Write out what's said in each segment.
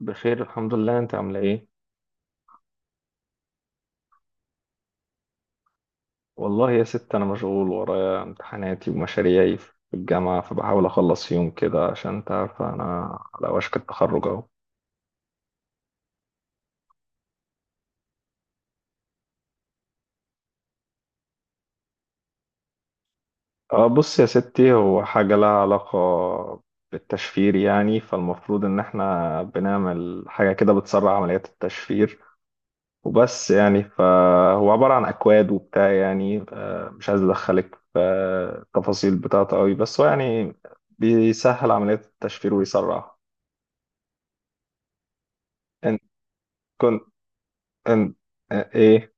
بخير، الحمد لله. انت عامله ايه؟ والله يا ست انا مشغول ورايا امتحاناتي ومشاريعي في الجامعه، فبحاول اخلص يوم كده عشان انت عارفه انا على وشك التخرج اهو. اه، بص يا ستي، هو حاجه لها علاقه بالتشفير يعني، فالمفروض ان احنا بنعمل حاجه كده بتسرع عمليات التشفير وبس يعني. فهو عباره عن اكواد وبتاع يعني، اه مش عايز ادخلك في التفاصيل بتاعته قوي، بس هو يعني بيسهل عمليات التشفير ويسرعها. كنت أم- ايه...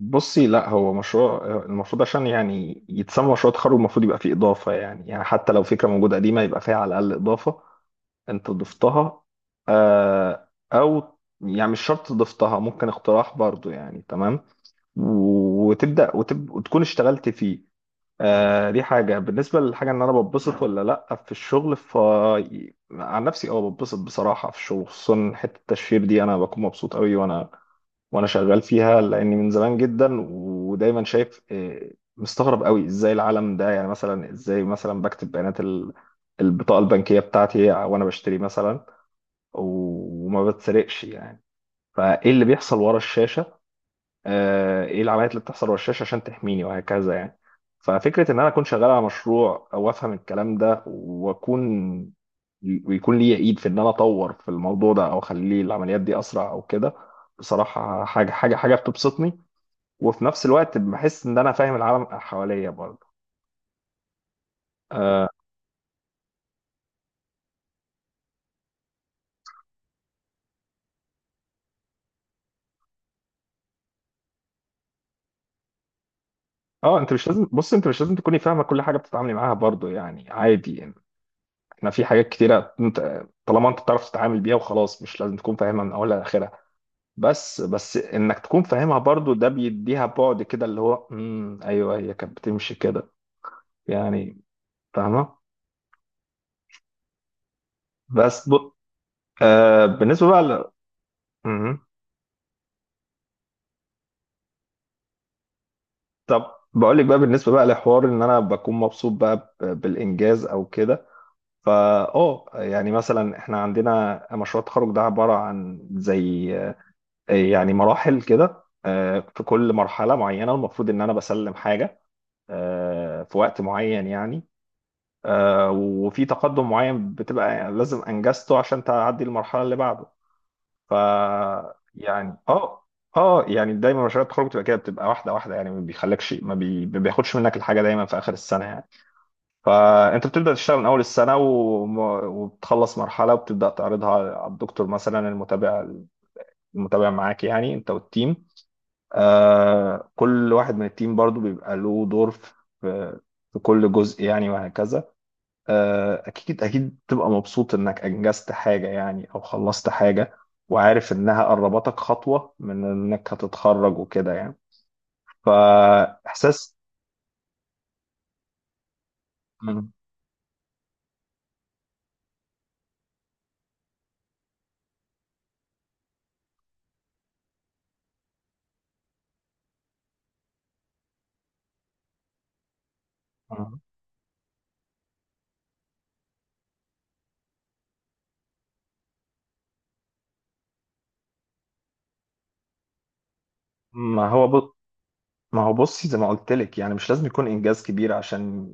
بصي، لا هو مشروع، المفروض عشان يعني يتسمى مشروع تخرج المفروض يبقى فيه اضافه يعني. يعني حتى لو فكره موجوده قديمه يبقى فيها على الاقل اضافه انت ضفتها. آه، او يعني مش شرط ضفتها، ممكن اقتراح برضو يعني، تمام. وتبدا وتكون اشتغلت فيه. آه، دي حاجه بالنسبه للحاجه ان انا بتبسط ولا لا في الشغل. ف... عن نفسي اه بتبسط بصراحه في الشغل، خصوصا حته التشفير دي انا بكون مبسوط قوي، وانا شغال فيها لاني من زمان جدا. ودايما شايف، مستغرب قوي ازاي العالم ده، يعني مثلا ازاي مثلا بكتب بيانات البطاقه البنكيه بتاعتي وانا بشتري مثلا وما بتسرقش يعني. فايه اللي بيحصل ورا الشاشه؟ ايه العمليات اللي بتحصل ورا الشاشه عشان تحميني وهكذا يعني. ففكره ان انا اكون شغال على مشروع او افهم الكلام ده واكون، ويكون لي ايد في ان انا اطور في الموضوع ده او اخليه العمليات دي اسرع او كده، بصراحه حاجه بتبسطني. وفي نفس الوقت بحس ان انا فاهم العالم حواليا برضه. اه، انت مش لازم، بص، انت مش لازم تكوني فاهمه كل حاجه بتتعاملي معاها برضه يعني، عادي يعني. احنا في حاجات كتيره، انت طالما انت بتعرف تتعامل بيها وخلاص، مش لازم تكون فاهمها من اولها لاخرها. بس انك تكون فاهمها برضه، ده بيديها بعد كده. اللي هو ايوه، هي كانت بتمشي كده يعني، فاهمه؟ بس ب... آه، بالنسبه بقى ل... مم. طب بقول لك بقى، بالنسبه بقى لحوار ان انا بكون مبسوط بقى بالانجاز او كده، فا اه يعني مثلا احنا عندنا مشروع التخرج ده عباره عن زي، يعني مراحل كده. في كل مرحله معينه المفروض ان انا بسلم حاجه في وقت معين يعني، وفي تقدم معين بتبقى لازم انجزته عشان تعدي المرحله اللي بعده ف يعني. اه، اه يعني دايما مشاريع التخرج بتبقى كده، بتبقى واحده واحده يعني، ما بيخليكش، ما بياخدش منك الحاجه دايما في اخر السنه يعني. فانت بتبدا تشتغل من اول السنه وبتخلص مرحله، وبتبدا تعرضها على الدكتور مثلا المتابع، معاك يعني، انت والتيم. آه، كل واحد من التيم برضو بيبقى له دور في، في كل جزء يعني وهكذا. آه، اكيد اكيد بتبقى مبسوط انك انجزت حاجه يعني او خلصت حاجه، وعارف انها قربتك خطوه من انك هتتخرج وكده يعني، فاحساس... مم. مم. ما هو ما هو بصي زي ما قلت لك، يعني مش لازم يكون انجاز كبير عشان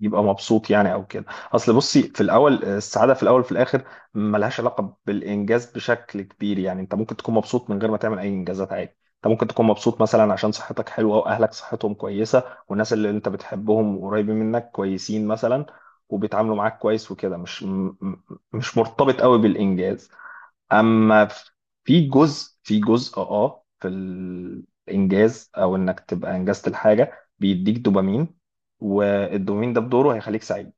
يبقى مبسوط يعني او كده. اصل بصي، في الاول السعاده في الاول وفي الاخر ملهاش علاقه بالانجاز بشكل كبير يعني. انت ممكن تكون مبسوط من غير ما تعمل اي انجازات عادي. انت ممكن تكون مبسوط مثلا عشان صحتك حلوه، واهلك صحتهم كويسه، والناس اللي انت بتحبهم قريبين منك كويسين مثلا وبيتعاملوا معاك كويس وكده. مش م- م- مش مرتبط قوي بالانجاز. اما في جزء اه في الانجاز، او انك تبقى انجزت الحاجه، بيديك دوبامين، والدوبامين ده بدوره هيخليك سعيد.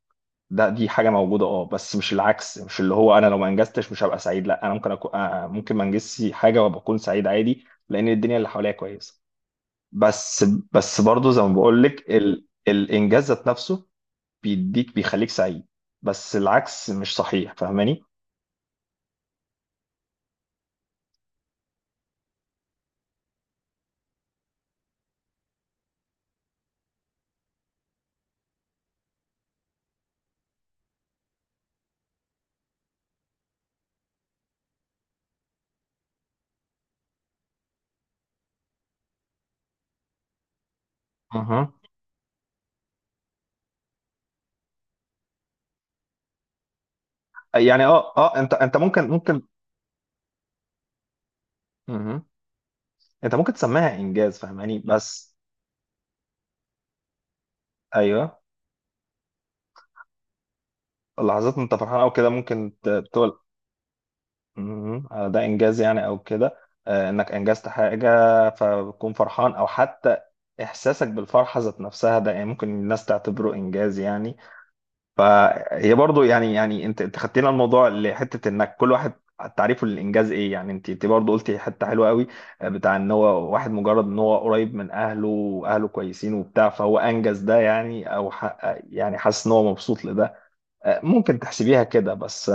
ده دي حاجه موجوده اه، بس مش العكس. مش اللي هو انا لو ما انجزتش مش هبقى سعيد. لا، انا ممكن أكون ممكن ما انجزش حاجه وابقى اكون سعيد عادي لان الدنيا اللي حواليا كويسه. بس برضه زي ما بقول لك، ال... الانجاز ذات نفسه بيديك بيخليك سعيد، بس العكس مش صحيح، فاهماني؟ اها، يعني اه، اه انت ممكن مهم. انت ممكن تسميها انجاز، فاهماني؟ بس ايوه، اللحظات انت فرحان او كده ممكن تقول مهم. آه، ده انجاز يعني او كده، آه، انك انجزت حاجه فبتكون فرحان، او حتى احساسك بالفرحه ذات نفسها، ده يعني ممكن الناس تعتبره انجاز يعني. فهي برضو يعني، يعني انت خدتينا الموضوع لحته انك كل واحد تعريفه للانجاز ايه يعني. انت برضو قلتي حته حلوه قوي، آه، بتاع ان هو واحد مجرد ان هو قريب من اهله واهله كويسين وبتاع، فهو انجز ده يعني، او يعني حاسس ان هو مبسوط لده، ممكن تحسبيها كده. بس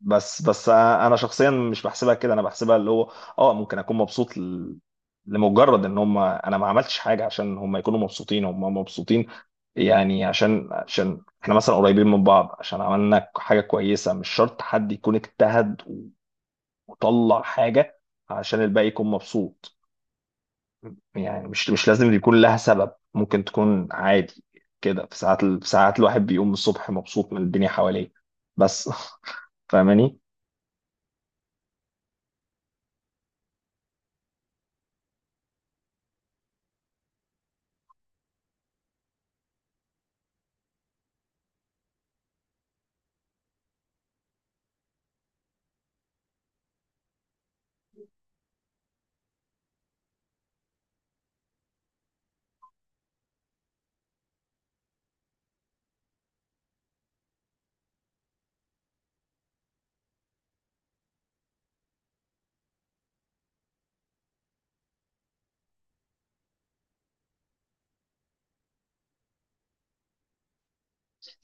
بس انا شخصيا مش بحسبها كده، انا بحسبها اللي هو اه ممكن اكون مبسوط لمجرد ان هم... انا ما عملتش حاجه عشان هم يكونوا مبسوطين، هم مبسوطين يعني عشان احنا مثلا قريبين من بعض، عشان عملنا حاجه كويسه. مش شرط حد يكون اجتهد وطلع حاجه عشان الباقي يكون مبسوط. يعني مش، مش لازم يكون لها سبب، ممكن تكون عادي كده. في ساعات الواحد بيقوم الصبح مبسوط من الدنيا حواليه بس فاهماني؟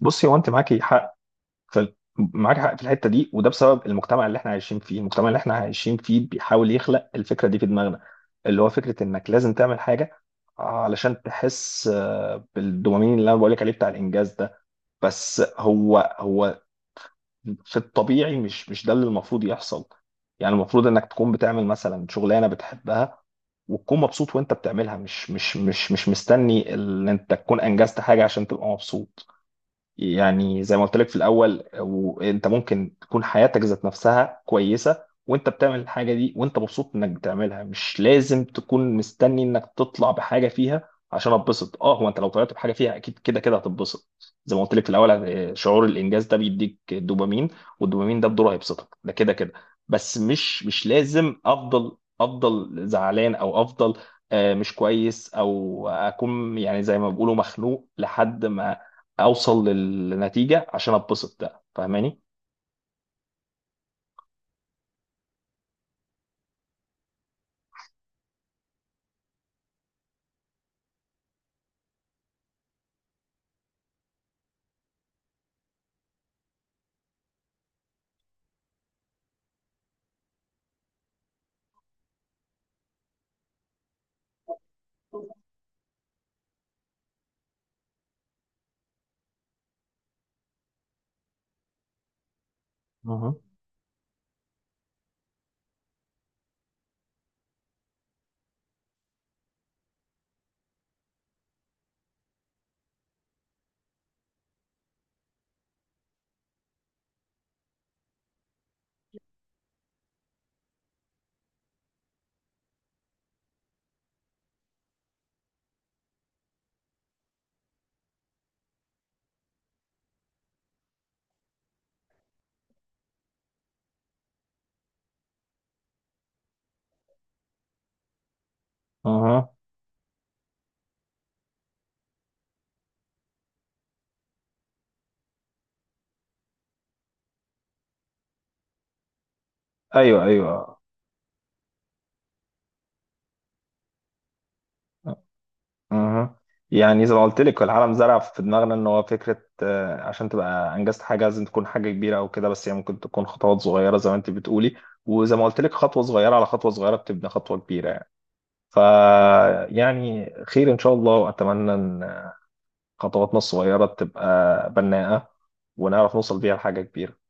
بصي، هو انت معاكي حق، معاك حق في الحته دي، وده بسبب المجتمع اللي احنا عايشين فيه. المجتمع اللي احنا عايشين فيه بيحاول يخلق الفكره دي في دماغنا، اللي هو فكره انك لازم تعمل حاجه علشان تحس بالدوبامين اللي انا بقولك عليه بتاع الانجاز ده. بس هو في الطبيعي مش، مش ده اللي المفروض يحصل. يعني المفروض انك تكون بتعمل مثلا شغلانه بتحبها، وتكون مبسوط وانت بتعملها، مش مستني ان انت تكون انجزت حاجه عشان تبقى مبسوط. يعني زي ما قلت لك في الاول، وانت ممكن تكون حياتك ذات نفسها كويسه، وانت بتعمل الحاجه دي وانت مبسوط انك بتعملها، مش لازم تكون مستني انك تطلع بحاجه فيها عشان اتبسط. اه هو انت لو طلعت بحاجه فيها اكيد كده كده هتتبسط. زي ما قلت لك في الاول، آه، شعور الانجاز ده بيديك دوبامين، والدوبامين ده بدوره هيبسطك ده كده كده. بس مش، مش لازم افضل، زعلان او افضل، آه، مش كويس، او اكون يعني زي ما بيقولوا مخنوق لحد ما اوصل للنتيجه عشان اتبسط ده، فاهماني؟ اها. اها. ايوه ايوه. اها، يعني زي ما قلت لك، العالم زرع في دماغنا ان هو فكره، آه، عشان تبقى انجزت حاجه لازم تكون حاجه كبيره او كده، بس هي ممكن تكون خطوات صغيره زي ما انت بتقولي. وزي ما قلت لك، خطوه صغيره على خطوه صغيره بتبني خطوه كبيره يعني. ف يعني خير ان شاء الله، واتمنى ان خطواتنا الصغيره تبقى بناءه، ونعرف نوصل بيها لحاجه كبيره.